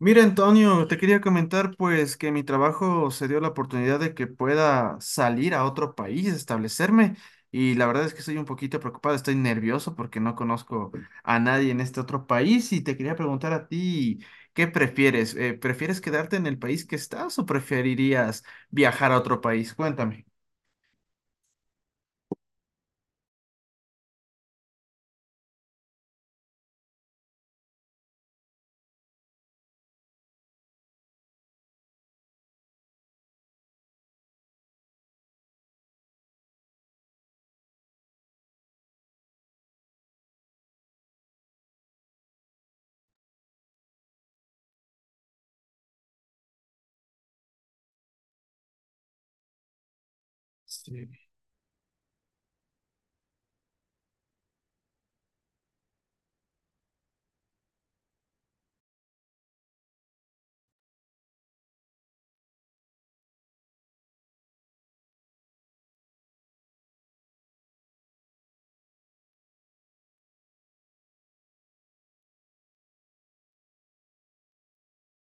Mira, Antonio, te quería comentar pues que mi trabajo se dio la oportunidad de que pueda salir a otro país, establecerme, y la verdad es que estoy un poquito preocupado, estoy nervioso porque no conozco a nadie en este otro país y te quería preguntar a ti, ¿qué prefieres? ¿prefieres quedarte en el país que estás o preferirías viajar a otro país? Cuéntame. Sí.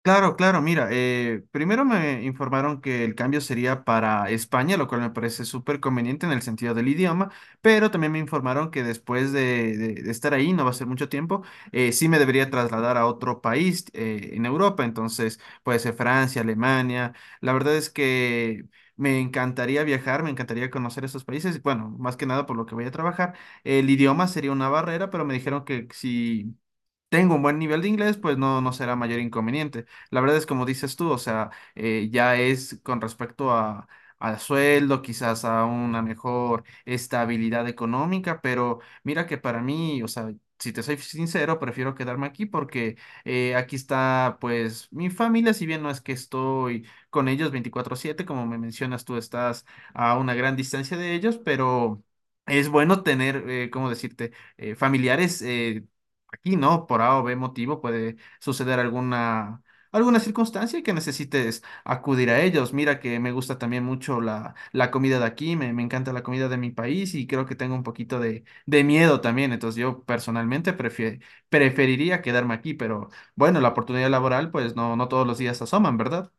Claro, claro, mira, primero me informaron que el cambio sería para España, lo cual me parece súper conveniente en el sentido del idioma, pero también me informaron que después de, de estar ahí, no va a ser mucho tiempo, sí me debería trasladar a otro país en Europa, entonces puede ser Francia, Alemania, la verdad es que me encantaría viajar, me encantaría conocer esos países, bueno, más que nada por lo que voy a trabajar, el idioma sería una barrera, pero me dijeron que si tengo un buen nivel de inglés, pues no, no será mayor inconveniente. La verdad es como dices tú, o sea, ya es con respecto a, al sueldo, quizás a una mejor estabilidad económica, pero mira que para mí, o sea, si te soy sincero, prefiero quedarme aquí porque aquí está pues mi familia, si bien no es que estoy con ellos veinticuatro siete como me mencionas tú, estás a una gran distancia de ellos, pero es bueno tener, ¿cómo decirte? Familiares. Aquí no, por A o B motivo puede suceder alguna circunstancia que necesites acudir a ellos. Mira que me gusta también mucho la comida de aquí, me encanta la comida de mi país y creo que tengo un poquito de miedo también. Entonces yo personalmente preferiría quedarme aquí, pero bueno, la oportunidad laboral pues no, no todos los días asoman, ¿verdad?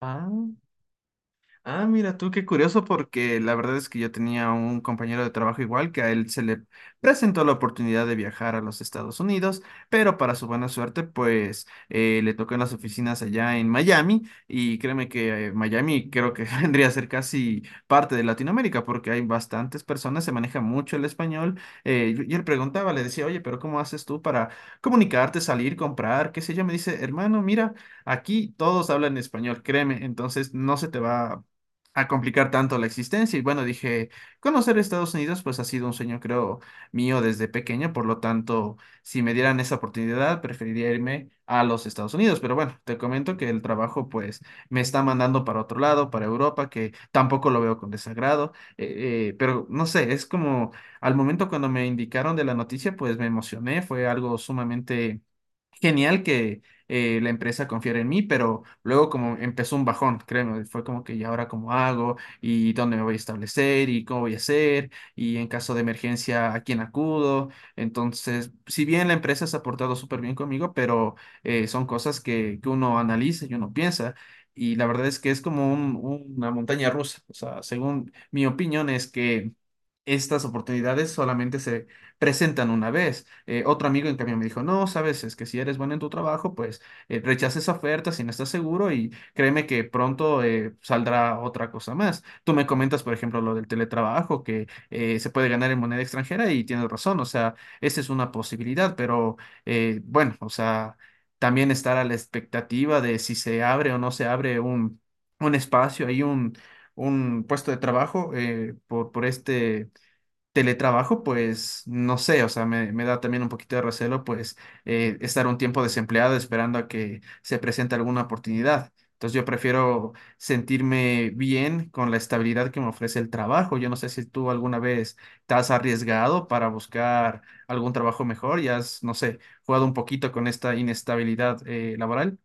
Ah. Ah, mira tú, qué curioso, porque la verdad es que yo tenía un compañero de trabajo igual que a él se le presentó la oportunidad de viajar a los Estados Unidos, pero para su buena suerte, pues le tocó en las oficinas allá en Miami y créeme que Miami creo que vendría a ser casi parte de Latinoamérica porque hay bastantes personas, se maneja mucho el español, y él preguntaba, le decía, oye, pero ¿cómo haces tú para comunicarte, salir, comprar, qué sé yo? Me dice, hermano, mira. Aquí todos hablan español, créeme, entonces no se te va a complicar tanto la existencia. Y bueno, dije, conocer Estados Unidos pues ha sido un sueño, creo, mío desde pequeño, por lo tanto, si me dieran esa oportunidad, preferiría irme a los Estados Unidos. Pero bueno, te comento que el trabajo pues me está mandando para otro lado, para Europa, que tampoco lo veo con desagrado, pero no sé, es como al momento cuando me indicaron de la noticia, pues me emocioné, fue algo sumamente genial que la empresa confiara en mí, pero luego como empezó un bajón, créeme, fue como que ¿y ahora cómo hago? ¿Y dónde me voy a establecer? ¿Y cómo voy a hacer? ¿Y en caso de emergencia a quién acudo? Entonces, si bien la empresa se ha portado súper bien conmigo, pero son cosas que uno analiza y uno piensa. Y la verdad es que es como una montaña rusa. O sea, según mi opinión es que estas oportunidades solamente se presentan una vez. Otro amigo en cambio me dijo, no, sabes, es que si eres bueno en tu trabajo, pues rechaza esa oferta si no estás seguro y créeme que pronto saldrá otra cosa más. Tú me comentas, por ejemplo, lo del teletrabajo, que se puede ganar en moneda extranjera y tienes razón, o sea, esa es una posibilidad, pero bueno, o sea, también estar a la expectativa de si se abre o no se abre un espacio, hay un puesto de trabajo por este, teletrabajo, pues no sé, o sea, me da también un poquito de recelo, pues estar un tiempo desempleado esperando a que se presente alguna oportunidad. Entonces yo prefiero sentirme bien con la estabilidad que me ofrece el trabajo. Yo no sé si tú alguna vez te has arriesgado para buscar algún trabajo mejor y has, no sé, jugado un poquito con esta inestabilidad laboral,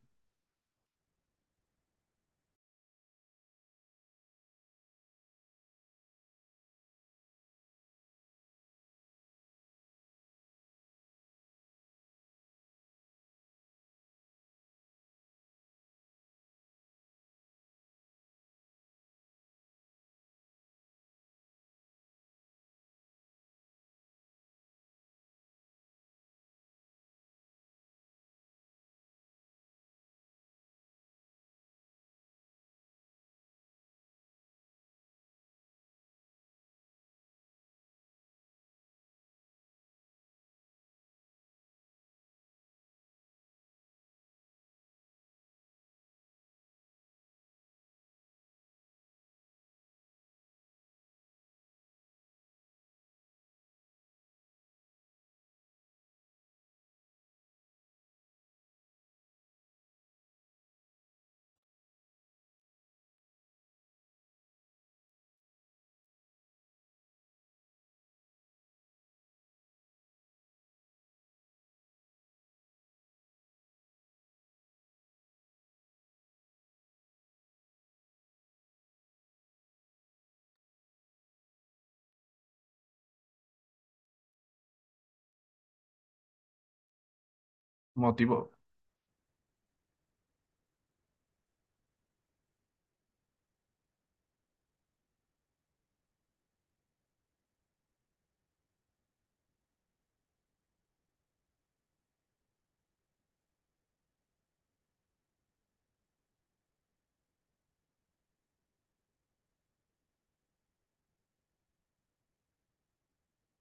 motivo,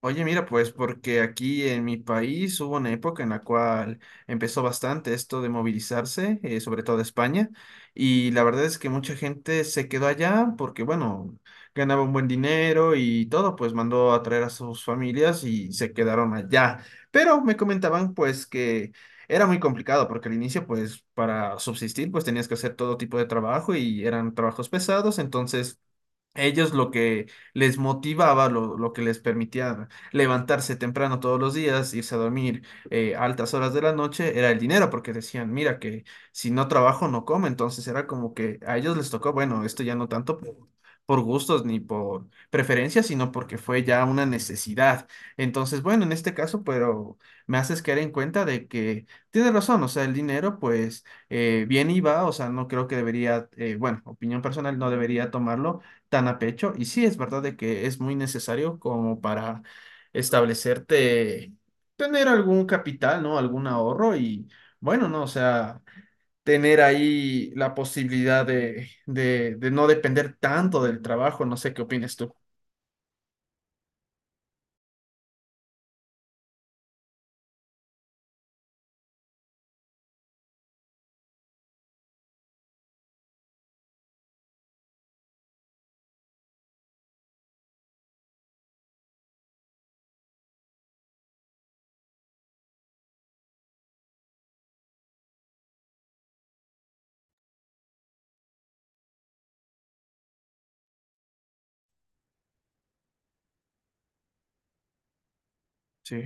oye, mira, pues porque aquí en mi país hubo una época en la cual empezó bastante esto de movilizarse, sobre todo España, y la verdad es que mucha gente se quedó allá porque, bueno, ganaba un buen dinero y todo, pues mandó a traer a sus familias y se quedaron allá. Pero me comentaban pues que era muy complicado porque al inicio pues para subsistir pues tenías que hacer todo tipo de trabajo y eran trabajos pesados, entonces... Ellos lo que les motivaba, lo que les permitía levantarse temprano todos los días, irse a dormir a altas horas de la noche, era el dinero, porque decían, mira, que si no trabajo no como, entonces era como que a ellos les tocó, bueno, esto ya no tanto por gustos ni por preferencias, sino porque fue ya una necesidad. Entonces, bueno, en este caso, pero me haces caer en cuenta de que tienes razón, o sea, el dinero pues viene y va, o sea, no creo que debería, bueno, opinión personal, no debería tomarlo tan a pecho. Y sí, es verdad de que es muy necesario como para establecerte, tener algún capital, ¿no? Algún ahorro y bueno, ¿no? O sea, tener ahí la posibilidad de no depender tanto del trabajo. No sé qué opinas tú. Sí,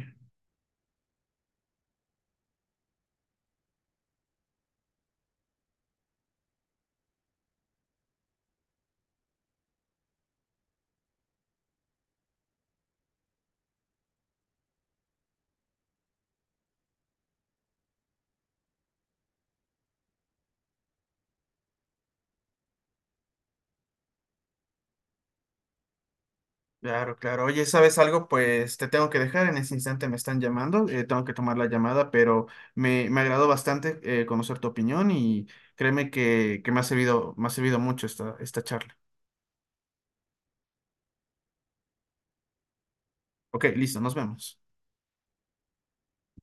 claro, claro. Oye, ¿sabes algo? Pues te tengo que dejar. En ese instante me están llamando. Tengo que tomar la llamada, pero me agradó bastante conocer tu opinión y créeme que me ha servido mucho esta, esta charla. Ok, listo, nos vemos.